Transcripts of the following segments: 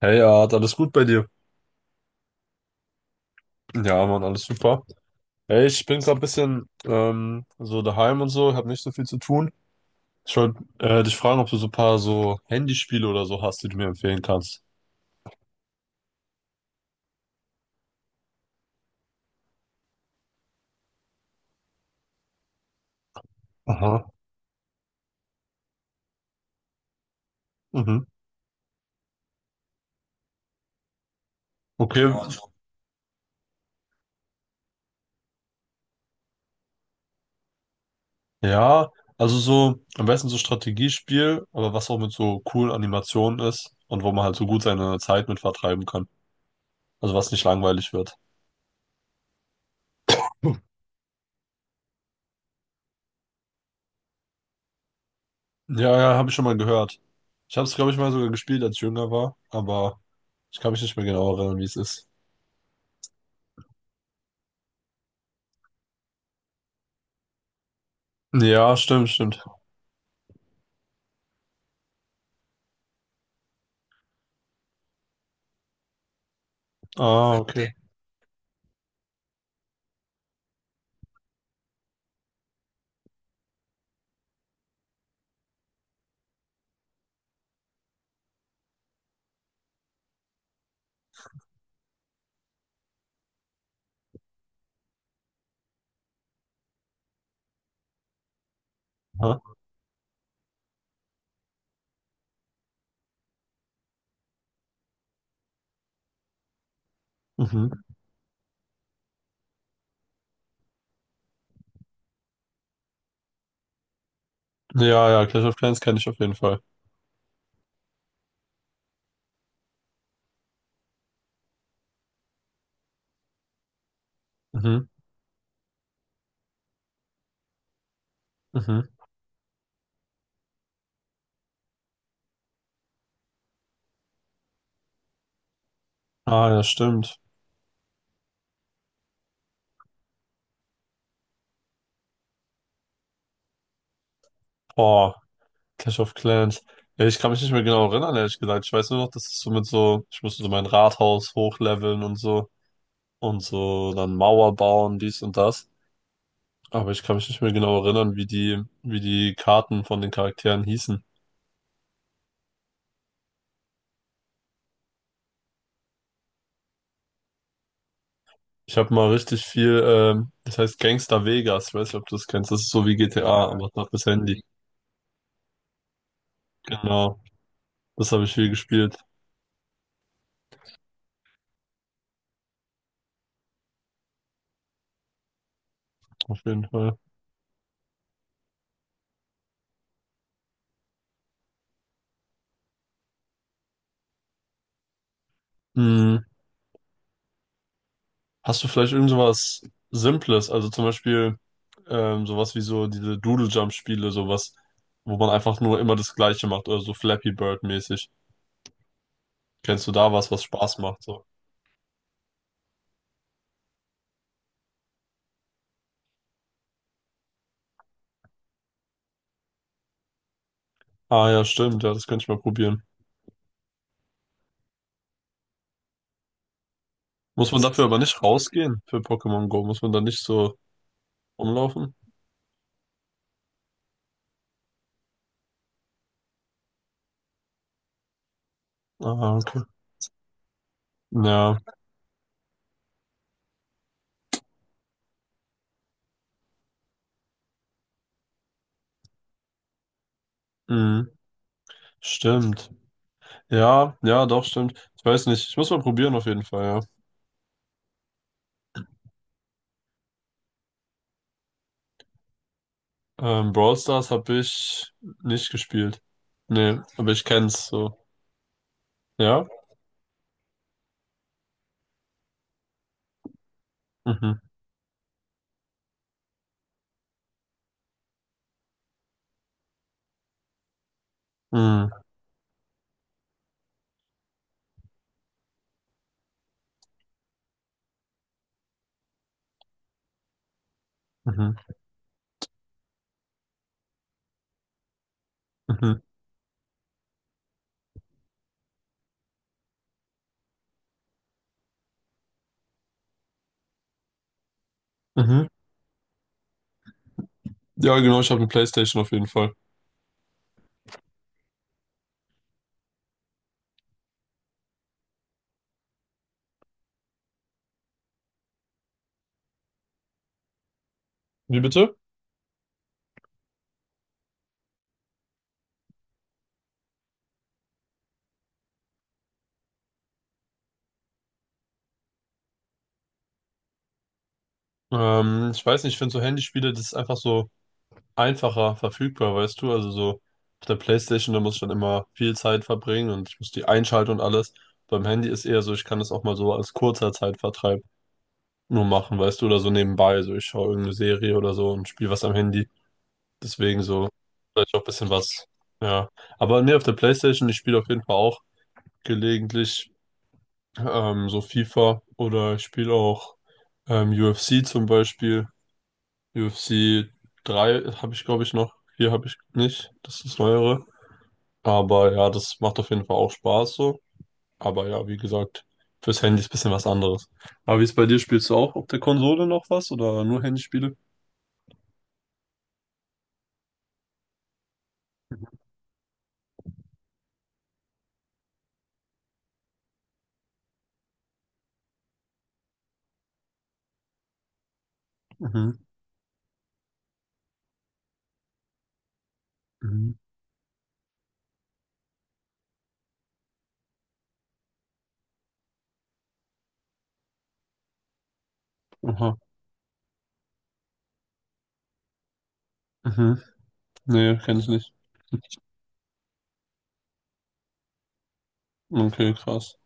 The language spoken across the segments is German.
Hey, Art, alles gut bei dir? Ja, Mann, alles super. Hey, ich bin gerade ein bisschen so daheim und so, habe nicht so viel zu tun. Ich wollte dich fragen, ob du so ein paar so Handyspiele oder so hast, die du mir empfehlen kannst. Aha. Mhm. Okay. Ja, also so am besten so Strategiespiel, aber was auch mit so coolen Animationen ist und wo man halt so gut seine Zeit mit vertreiben kann. Also was nicht langweilig wird. Hm. Ja, ja, habe ich schon mal gehört. Ich habe es, glaube ich, mal sogar gespielt, als ich jünger war, aber ich kann mich nicht mehr genau erinnern, wie es ist. Ja, stimmt, stimmt. Ah, okay. Okay. Mhm. Ja, ja, Clash of Clans kenne ich auf jeden Fall. Mhm. Mhm. Ah, ja, stimmt. Boah, Clash of Clans. Ja, ich kann mich nicht mehr genau erinnern, ehrlich gesagt. Ich weiß nur noch, dass es so mit so, ich musste so mein Rathaus hochleveln und so dann Mauer bauen, dies und das. Aber ich kann mich nicht mehr genau erinnern, wie die Karten von den Charakteren hießen. Ich habe mal richtig viel, das heißt Gangster Vegas. Ich weiß nicht, ob du das kennst. Das ist so wie GTA. Ja, aber auf das Handy. Genau. Das habe ich viel gespielt, auf jeden Fall. Hm. Hast du vielleicht irgend sowas Simples, also zum Beispiel sowas wie so diese Doodle-Jump-Spiele, sowas, wo man einfach nur immer das Gleiche macht oder so Flappy Bird-mäßig. Kennst du da was, was Spaß macht? So. Ah, ja, stimmt, ja, das könnte ich mal probieren. Muss man dafür aber nicht rausgehen für Pokémon Go? Muss man da nicht so rumlaufen? Ah, okay. Ja, hm, stimmt. Ja, ja, doch, stimmt. Ich weiß nicht, ich muss mal probieren auf jeden Fall, ja. Brawl Stars habe ich nicht gespielt. Nee, aber ich kenn's so. Ja? Mhm. Mhm. Mhm. Mhm. Mhm. Ja, genau, ich habe eine PlayStation auf jeden Fall. Wie bitte? Ich weiß nicht, ich finde so Handyspiele, das ist einfach so einfacher verfügbar, weißt du? Also so auf der PlayStation, da muss ich dann immer viel Zeit verbringen und ich muss die einschalten und alles. Beim Handy ist eher so, ich kann das auch mal so als kurzer Zeitvertreib nur machen, weißt du, oder so nebenbei. So, ich schaue irgendeine Serie oder so und spiele was am Handy. Deswegen so, vielleicht auch ein bisschen was. Ja. Aber nee, auf der PlayStation, ich spiele auf jeden Fall auch gelegentlich so FIFA oder ich spiele auch UFC zum Beispiel. UFC 3 habe ich, glaube ich, noch. 4 habe ich nicht. Das ist das Neuere. Aber ja, das macht auf jeden Fall auch Spaß so. Aber ja, wie gesagt, fürs Handy ist ein bisschen was anderes. Aber wie ist bei dir? Spielst du auch auf der Konsole noch was oder nur Handyspiele? Mhm. Mhm. Aha. Mhm. Nee, kenne ich nicht. Okay, krass.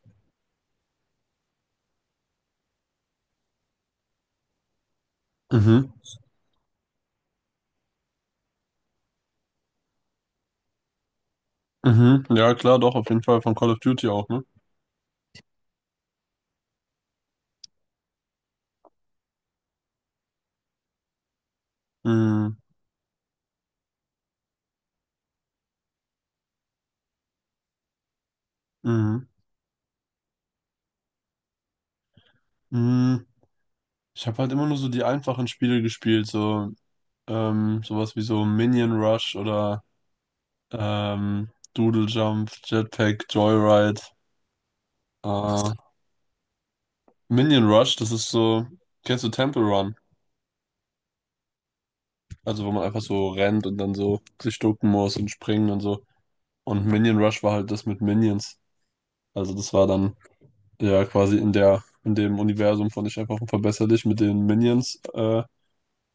Mhm. Mhm. Ja, klar, doch, auf jeden Fall von Call of Duty auch, ne? Mhm. Mhm. Mhm. Ich habe halt immer nur so die einfachen Spiele gespielt, so sowas wie so Minion Rush oder ähm, Doodle Jump, Jetpack, Joyride. Äh, Minion Rush, das ist so, kennst du Temple Run? Also wo man einfach so rennt und dann so sich ducken muss und springen und so. Und Minion Rush war halt das mit Minions. Also das war dann ja, quasi in dem Universum von Ich einfach unverbesserlich dich mit den Minions,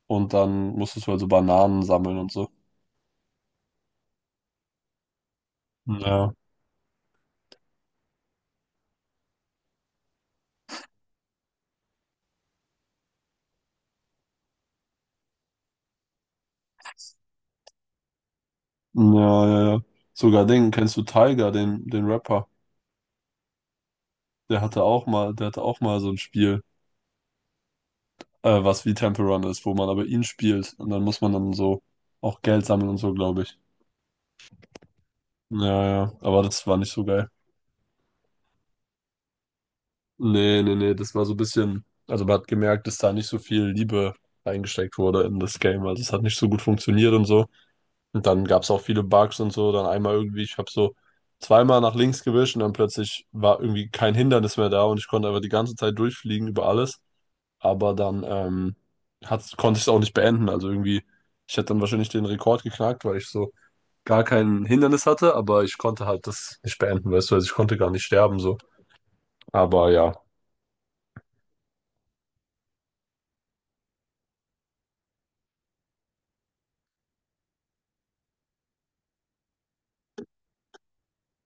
und dann musstest du also Bananen sammeln und so. Ja. Ja, ja, ja. Sogar den, kennst du Tiger, den Rapper? Der hatte auch mal so ein Spiel, was wie Temple Run ist, wo man aber ihn spielt und dann muss man dann so auch Geld sammeln und so, glaube ich. Ja, ja, aber das war nicht so geil. Nee, nee, nee, das war so ein bisschen, also man hat gemerkt, dass da nicht so viel Liebe reingesteckt wurde in das Game, also es hat nicht so gut funktioniert und so. Und dann gab es auch viele Bugs und so. Dann einmal irgendwie, ich habe so zweimal nach links gewischt und dann plötzlich war irgendwie kein Hindernis mehr da und ich konnte einfach die ganze Zeit durchfliegen über alles. Aber dann hat's, konnte ich es auch nicht beenden. Also irgendwie, ich hätte dann wahrscheinlich den Rekord geknackt, weil ich so gar kein Hindernis hatte, aber ich konnte halt das nicht beenden, weißt du, also ich konnte gar nicht sterben so. Aber ja.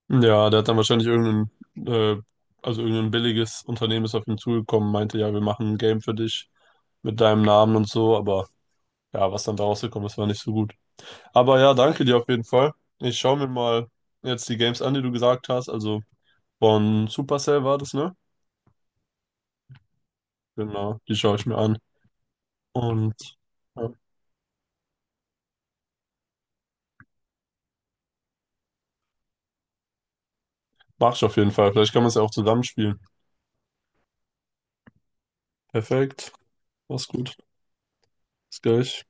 Ja, der hat dann wahrscheinlich irgendein, äh, also irgendein billiges Unternehmen ist auf ihn zugekommen, meinte, ja, wir machen ein Game für dich mit deinem Namen und so, aber. Ja, was dann da rausgekommen ist, war nicht so gut. Aber ja, danke dir auf jeden Fall. Ich schaue mir mal jetzt die Games an, die du gesagt hast. Also von Supercell war das, ne? Genau, die schaue ich mir an. Und ja, mach ich auf jeden Fall. Vielleicht kann man es ja auch zusammenspielen. Perfekt. Mach's gut. Bis gleich.